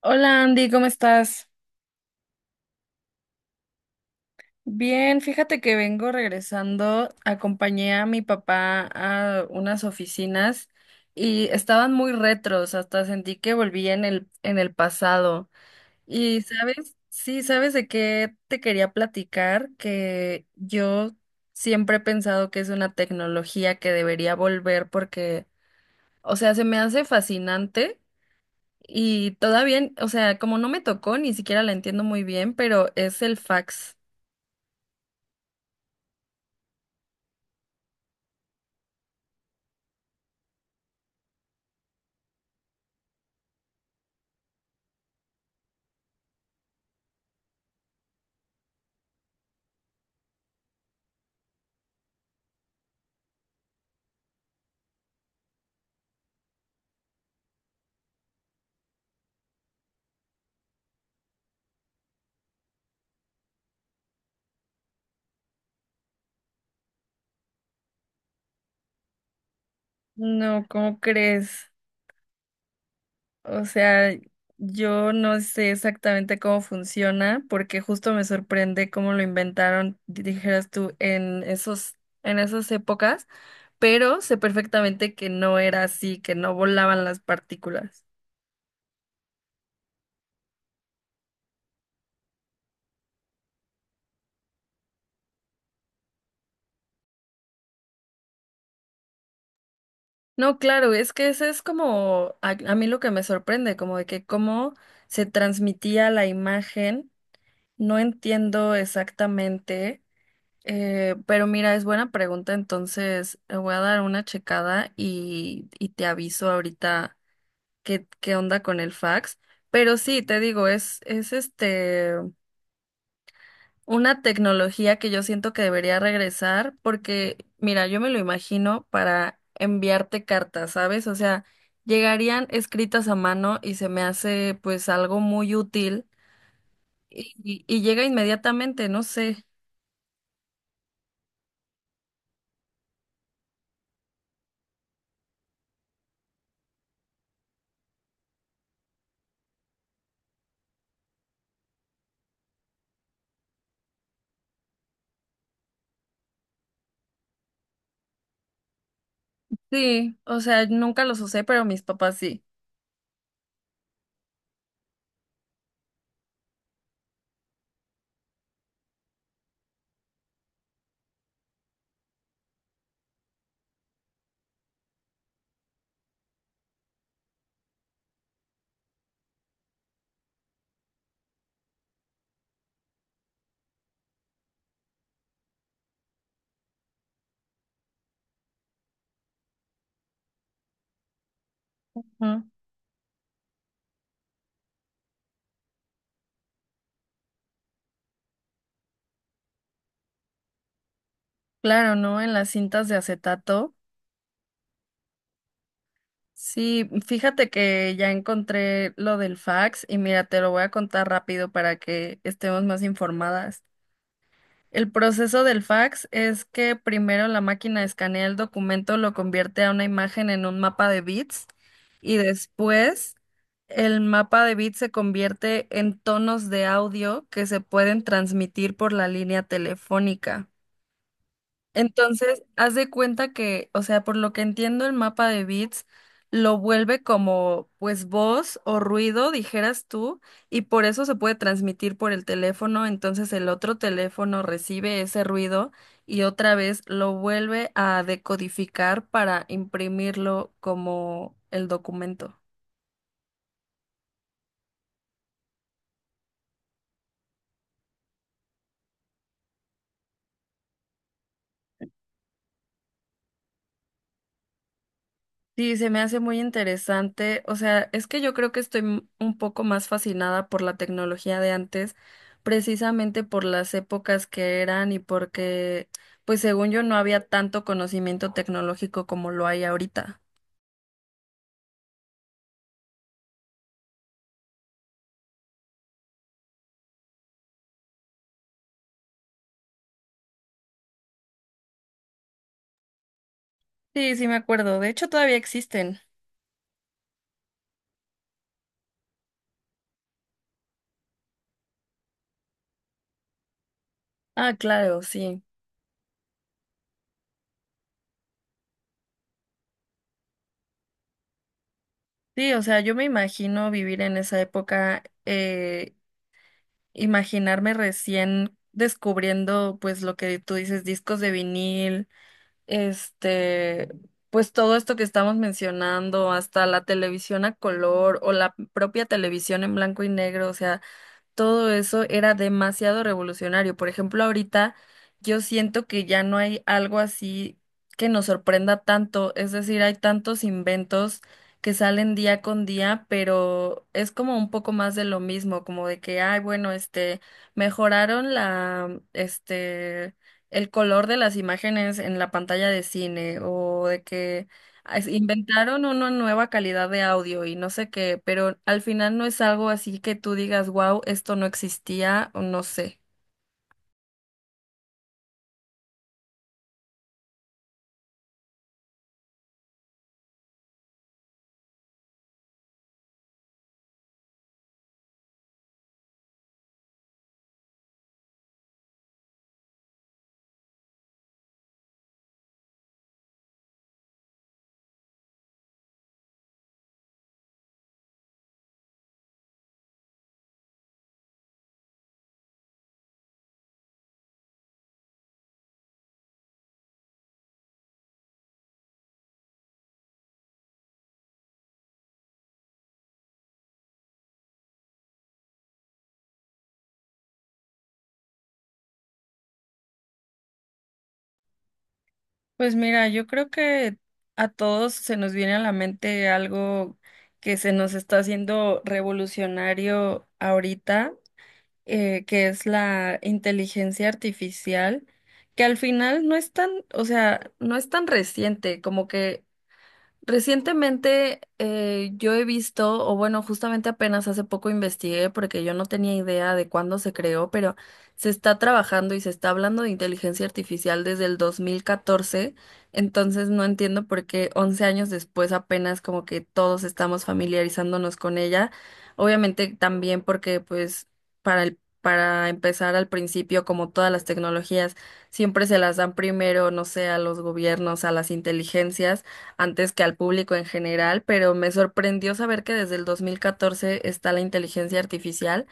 Hola Andy, ¿cómo estás? Bien, fíjate que vengo regresando. Acompañé a mi papá a unas oficinas y estaban muy retros, hasta sentí que volví en el pasado. Y sabes, sí, ¿sabes de qué te quería platicar? Que yo siempre he pensado que es una tecnología que debería volver porque, o sea, se me hace fascinante. Y todavía, o sea, como no me tocó, ni siquiera la entiendo muy bien, pero es el fax. No, ¿cómo crees? O sea, yo no sé exactamente cómo funciona, porque justo me sorprende cómo lo inventaron, dijeras tú, en esas épocas, pero sé perfectamente que no era así, que no volaban las partículas. No, claro, es que ese es como a mí lo que me sorprende, como de que cómo se transmitía la imagen, no entiendo exactamente. Pero mira, es buena pregunta, entonces le voy a dar una checada y te aviso ahorita qué onda con el fax. Pero sí, te digo, es una tecnología que yo siento que debería regresar, porque, mira, yo me lo imagino para enviarte cartas, ¿sabes? O sea, llegarían escritas a mano y se me hace pues algo muy útil y, y llega inmediatamente, no sé. Sí, o sea, nunca los usé, pero mis papás sí. Claro, ¿no? En las cintas de acetato. Sí, fíjate que ya encontré lo del fax y mira, te lo voy a contar rápido para que estemos más informadas. El proceso del fax es que primero la máquina escanea el documento, lo convierte a una imagen en un mapa de bits y después el mapa de bits se convierte en tonos de audio que se pueden transmitir por la línea telefónica. Entonces, haz de cuenta que, o sea, por lo que entiendo el mapa de bits, lo vuelve como, pues, voz o ruido, dijeras tú, y por eso se puede transmitir por el teléfono, entonces el otro teléfono recibe ese ruido y otra vez lo vuelve a decodificar para imprimirlo como el documento. Sí, se me hace muy interesante. O sea, es que yo creo que estoy un poco más fascinada por la tecnología de antes, precisamente por las épocas que eran y porque, pues según yo, no había tanto conocimiento tecnológico como lo hay ahorita. Sí, sí me acuerdo. De hecho, todavía existen. Ah, claro, sí. Sí, o sea, yo me imagino vivir en esa época, imaginarme recién descubriendo, pues lo que tú dices, discos de vinil, este, pues todo esto que estamos mencionando, hasta la televisión a color o la propia televisión en blanco y negro, o sea, todo eso era demasiado revolucionario. Por ejemplo, ahorita yo siento que ya no hay algo así que nos sorprenda tanto, es decir, hay tantos inventos que salen día con día, pero es como un poco más de lo mismo, como de que, ay, bueno, mejoraron la, el color de las imágenes en la pantalla de cine, o de que inventaron una nueva calidad de audio y no sé qué, pero al final no es algo así que tú digas, wow, esto no existía o no sé. Pues mira, yo creo que a todos se nos viene a la mente algo que se nos está haciendo revolucionario ahorita, que es la inteligencia artificial, que al final no es tan, o sea, no es tan reciente, como que recientemente, yo he visto, o bueno, justamente apenas hace poco investigué porque yo no tenía idea de cuándo se creó, pero se está trabajando y se está hablando de inteligencia artificial desde el 2014, entonces no entiendo por qué 11 años después apenas como que todos estamos familiarizándonos con ella. Obviamente también porque pues para empezar al principio, como todas las tecnologías, siempre se las dan primero, no sé, a los gobiernos, a las inteligencias antes que al público en general, pero me sorprendió saber que desde el 2014 está la inteligencia artificial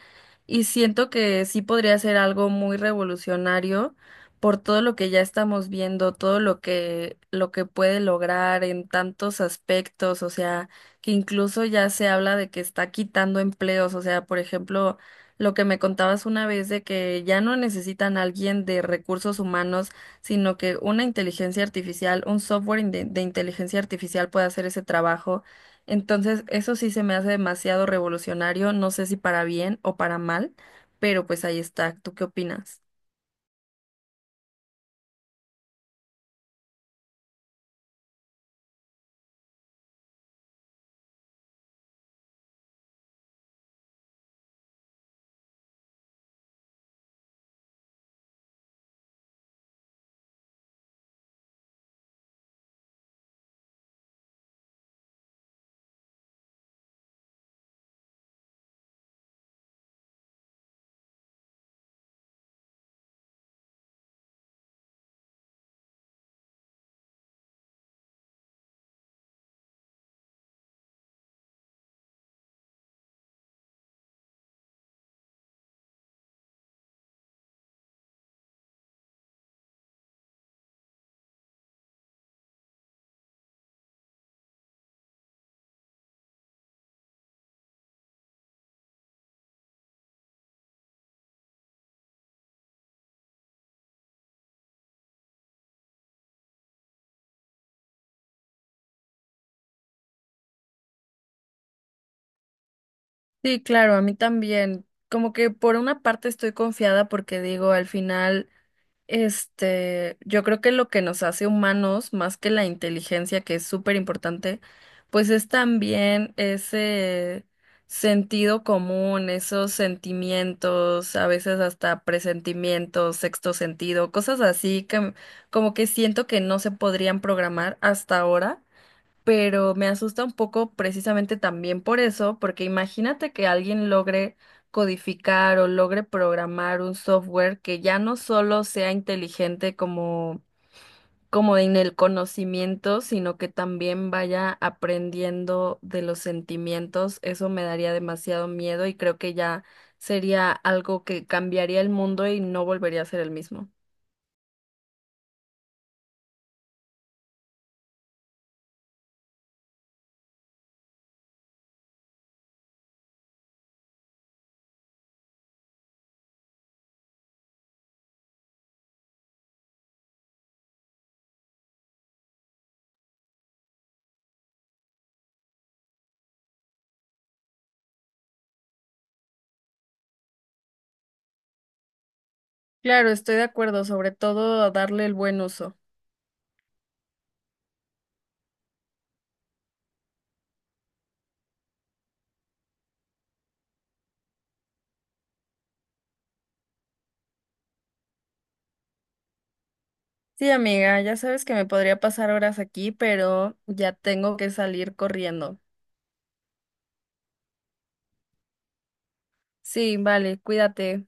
y siento que sí podría ser algo muy revolucionario por todo lo que ya estamos viendo, todo lo que puede lograr en tantos aspectos, o sea, que incluso ya se habla de que está quitando empleos, o sea, por ejemplo, lo que me contabas una vez de que ya no necesitan a alguien de recursos humanos sino que una inteligencia artificial, un software inteligencia artificial puede hacer ese trabajo. Entonces, eso sí se me hace demasiado revolucionario, no sé si para bien o para mal, pero pues ahí está. ¿Tú qué opinas? Sí, claro, a mí también. Como que por una parte estoy confiada porque digo, al final... Este, yo creo que lo que nos hace humanos, más que la inteligencia, que es súper importante, pues es también ese sentido común, esos sentimientos, a veces hasta presentimientos, sexto sentido, cosas así que como que siento que no se podrían programar hasta ahora, pero me asusta un poco precisamente también por eso, porque imagínate que alguien logre codificar o logre programar un software que ya no solo sea inteligente como, como en el conocimiento, sino que también vaya aprendiendo de los sentimientos. Eso me daría demasiado miedo y creo que ya sería algo que cambiaría el mundo y no volvería a ser el mismo. Claro, estoy de acuerdo, sobre todo a darle el buen uso. Sí, amiga, ya sabes que me podría pasar horas aquí, pero ya tengo que salir corriendo. Sí, vale, cuídate.